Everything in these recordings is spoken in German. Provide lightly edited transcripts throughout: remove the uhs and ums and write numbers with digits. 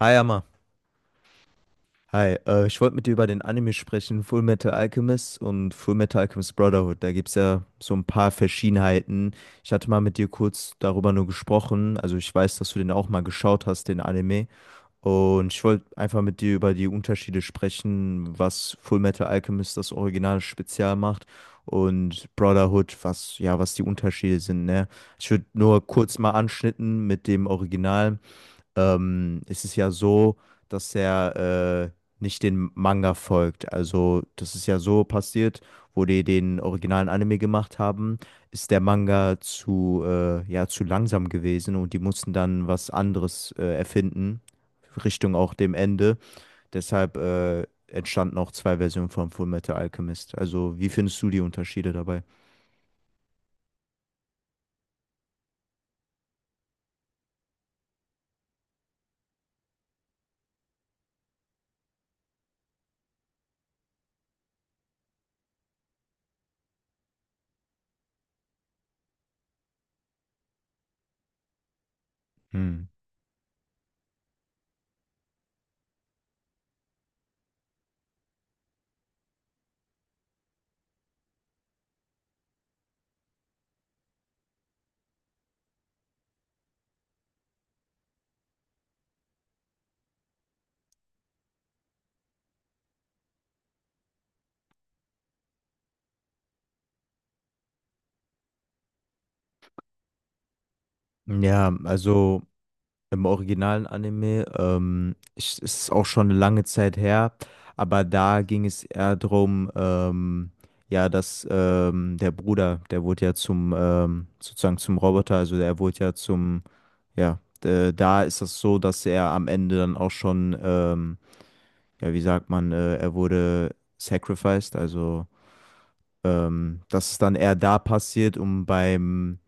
Hi, Amma. Hi, ich wollte mit dir über den Anime sprechen, Full Metal Alchemist und Full Metal Alchemist Brotherhood. Da gibt es ja so ein paar Verschiedenheiten. Ich hatte mal mit dir kurz darüber nur gesprochen. Also ich weiß, dass du den auch mal geschaut hast, den Anime. Und ich wollte einfach mit dir über die Unterschiede sprechen, was Full Metal Alchemist das Original speziell macht und Brotherhood, was ja, was die Unterschiede sind, ne? Ich würde nur kurz mal anschnitten mit dem Original. Ist es ja so, dass er nicht den Manga folgt. Also, das ist ja so passiert, wo die den originalen Anime gemacht haben, ist der Manga ja, zu langsam gewesen und die mussten dann was anderes erfinden, Richtung auch dem Ende. Deshalb entstanden auch zwei Versionen von Fullmetal Alchemist. Also, wie findest du die Unterschiede dabei? Hm. Ja, also. Im originalen Anime, es ist auch schon eine lange Zeit her, aber da ging es eher darum, ja, dass der Bruder, der wurde ja zum, sozusagen zum Roboter, also der wurde ja zum, ja, da ist das so, dass er am Ende dann auch schon, ja, wie sagt man, er wurde sacrificed, also das ist dann eher da passiert, um beim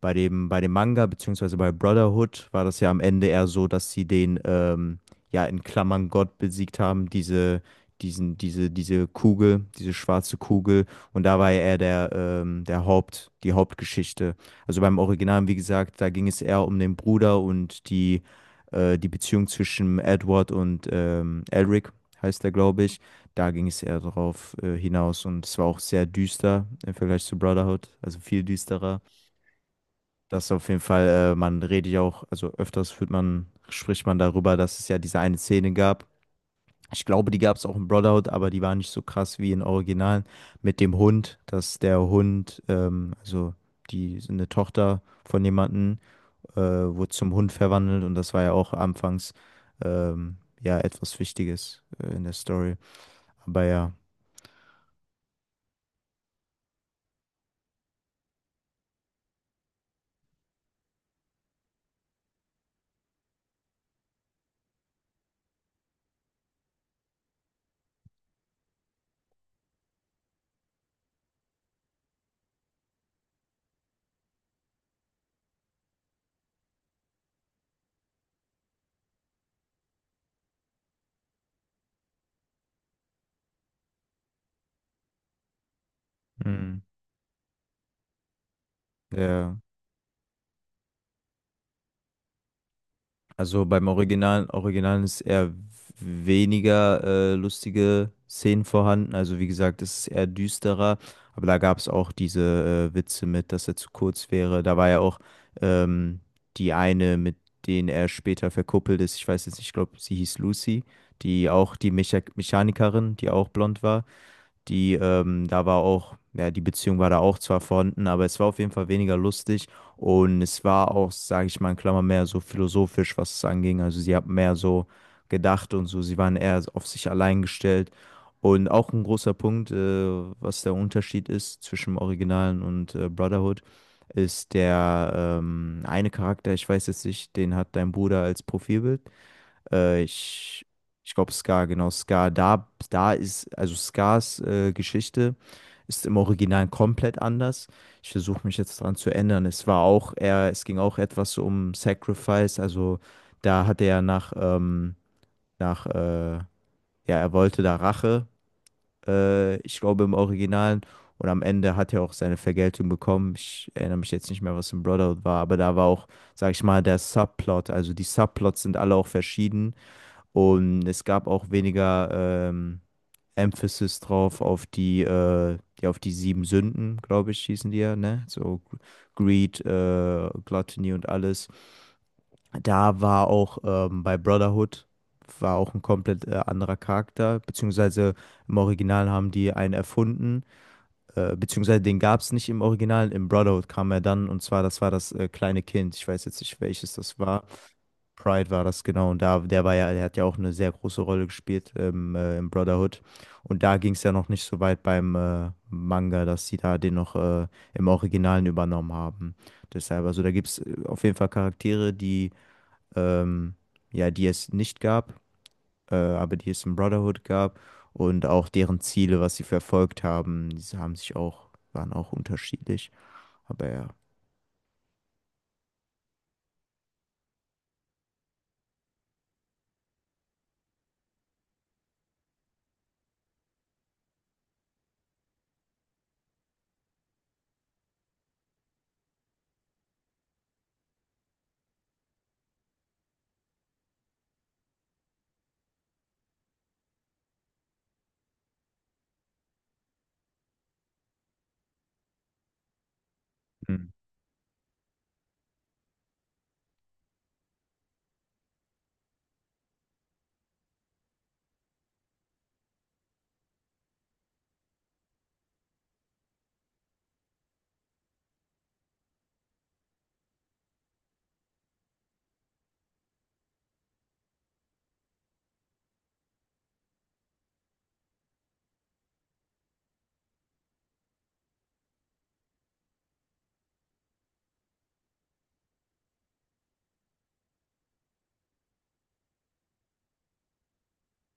bei dem Manga beziehungsweise bei Brotherhood war das ja am Ende eher so, dass sie den, ja, in Klammern Gott besiegt haben, diese Kugel, diese schwarze Kugel. Und da war ja eher der Haupt, die Hauptgeschichte. Also beim Original, wie gesagt, da ging es eher um den Bruder und die, die Beziehung zwischen Edward und Elric, heißt der, glaube ich. Da ging es eher drauf hinaus und es war auch sehr düster im Vergleich zu Brotherhood, also viel düsterer. Das auf jeden Fall, man redet ja auch, also öfters spricht man darüber, dass es ja diese eine Szene gab. Ich glaube, die gab es auch in Brotherhood, aber die war nicht so krass wie in Originalen mit dem Hund, dass der Hund, also die eine Tochter von jemandem, wurde zum Hund verwandelt und das war ja auch anfangs ja etwas Wichtiges in der Story. Aber ja, mhm. der Also beim Originalen, Originalen ist eher weniger lustige Szenen vorhanden. Also wie gesagt, es ist eher düsterer. Aber da gab es auch diese Witze mit, dass er zu kurz wäre. Da war ja auch ähm, die eine, mit denen er später verkuppelt ist. Ich weiß jetzt nicht, ich glaube, sie hieß Lucy, die auch die Mechanikerin, die auch blond war. Da war auch, ja, die Beziehung war da auch zwar vorhanden, aber es war auf jeden Fall weniger lustig und es war auch, sage ich mal, in Klammern mehr so philosophisch, was es anging. Also sie hat mehr so gedacht und so, sie waren eher auf sich allein gestellt. Und auch ein großer Punkt, was der Unterschied ist zwischen dem Originalen und Brotherhood, ist der eine Charakter, ich weiß jetzt nicht, den hat dein Bruder als Profilbild. Äh, ich ich glaube Scar, genau, Scar. Also Scars Geschichte ist im Original komplett anders. Ich versuche mich jetzt dran zu ändern. Es war auch eher, es ging auch etwas so um Sacrifice, also da hat er nach, nach, ja, er wollte da Rache, ich glaube im Original. Und am Ende hat er auch seine Vergeltung bekommen. Ich erinnere mich jetzt nicht mehr, was im Brotherhood war, aber da war auch, sag ich mal, der Subplot. Also die Subplots sind alle auch verschieden. Und es gab auch weniger Emphasis drauf auf die, ja, auf die sieben Sünden, glaube ich, hießen die ja, ne? So Greed, Gluttony und alles. Da war auch bei Brotherhood war auch ein komplett anderer Charakter, beziehungsweise im Original haben die einen erfunden, beziehungsweise den gab es nicht im Original, im Brotherhood kam er dann und zwar, das war das kleine Kind. Ich weiß jetzt nicht, welches das war. Pride war das genau und da, der war ja, der hat ja auch eine sehr große Rolle gespielt im Brotherhood und da ging es ja noch nicht so weit beim Manga, dass sie da den noch im Originalen übernommen haben. Deshalb, also da gibt es auf jeden Fall Charaktere, die ähm, ja, die es nicht gab, aber die es in Brotherhood gab und auch deren Ziele, was sie verfolgt haben, diese haben sich auch, waren auch unterschiedlich. Aber ja. Mhm.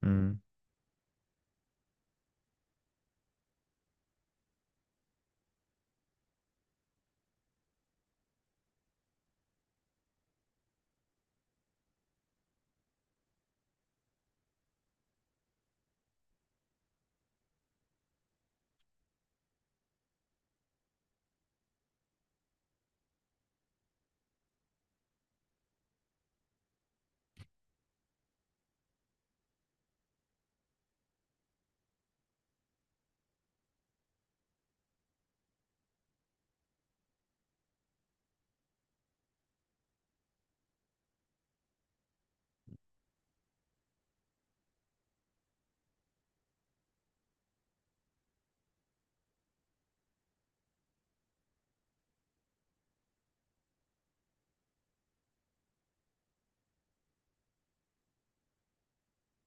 Mhm.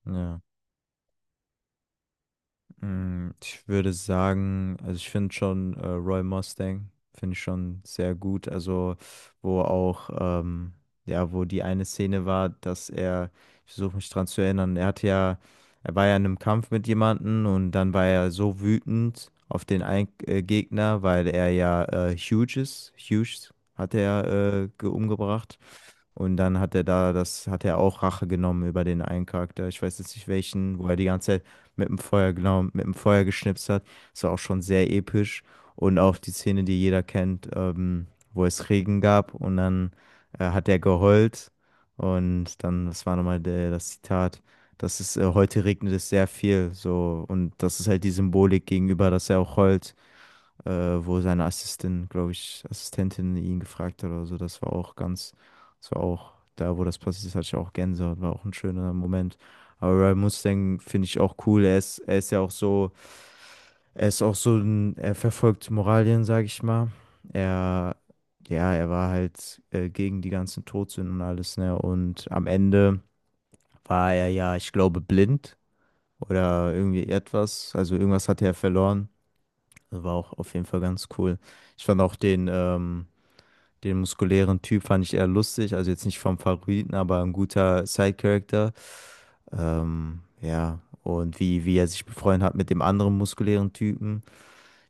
Ja. Ich würde sagen, also ich finde schon Roy Mustang, finde ich schon sehr gut. Also, wo auch, ähm, ja, wo die eine Szene war, dass er, ich versuche mich dran zu erinnern, er hatte ja, er war ja in einem Kampf mit jemandem und dann war er so wütend auf den ein Gegner, weil er ja Hughes hat er ja, umgebracht. Und dann hat er da, das hat er auch Rache genommen über den einen Charakter. Ich weiß jetzt nicht welchen, wo er die ganze Zeit mit dem Feuer, genau, mit dem Feuer geschnipst hat. Das war auch schon sehr episch. Und auch die Szene, die jeder kennt, wo es Regen gab und dann hat er geheult. Und dann, das war nochmal der, das Zitat, das ist, heute regnet es sehr viel, so. Und das ist halt die Symbolik gegenüber, dass er auch heult, wo seine Assistentin ihn gefragt hat oder so. Das war auch ganz, das war auch da, wo das passiert ist, hatte ich auch Gänsehaut, war auch ein schöner Moment. Aber Ryan Mustang finde ich auch cool. Er ist ja auch so, er ist auch so ein, er verfolgt Moralien, sage ich mal. Er, ja, er war halt gegen die ganzen Todsünden und alles, ne? Und am Ende war er ja, ich glaube, blind oder irgendwie etwas. Also irgendwas hatte er verloren. Das war auch auf jeden Fall ganz cool. Ich fand auch den, den muskulären Typ fand ich eher lustig. Also jetzt nicht vom Favoriten, aber ein guter Side-Character. Ja, und wie er sich befreundet hat mit dem anderen muskulären Typen.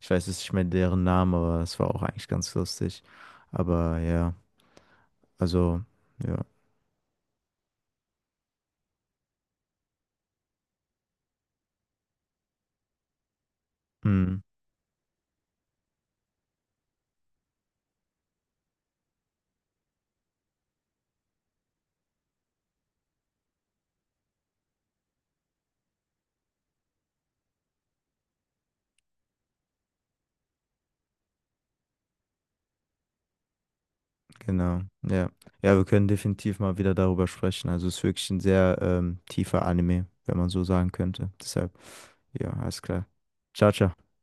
Ich weiß jetzt nicht mehr deren Namen, aber es war auch eigentlich ganz lustig. Aber ja, also, ja. Mm, genau, ja. Ja, wir können definitiv mal wieder darüber sprechen. Also es ist wirklich ein sehr tiefer Anime, wenn man so sagen könnte. Deshalb, ja, alles klar. Ciao, ciao.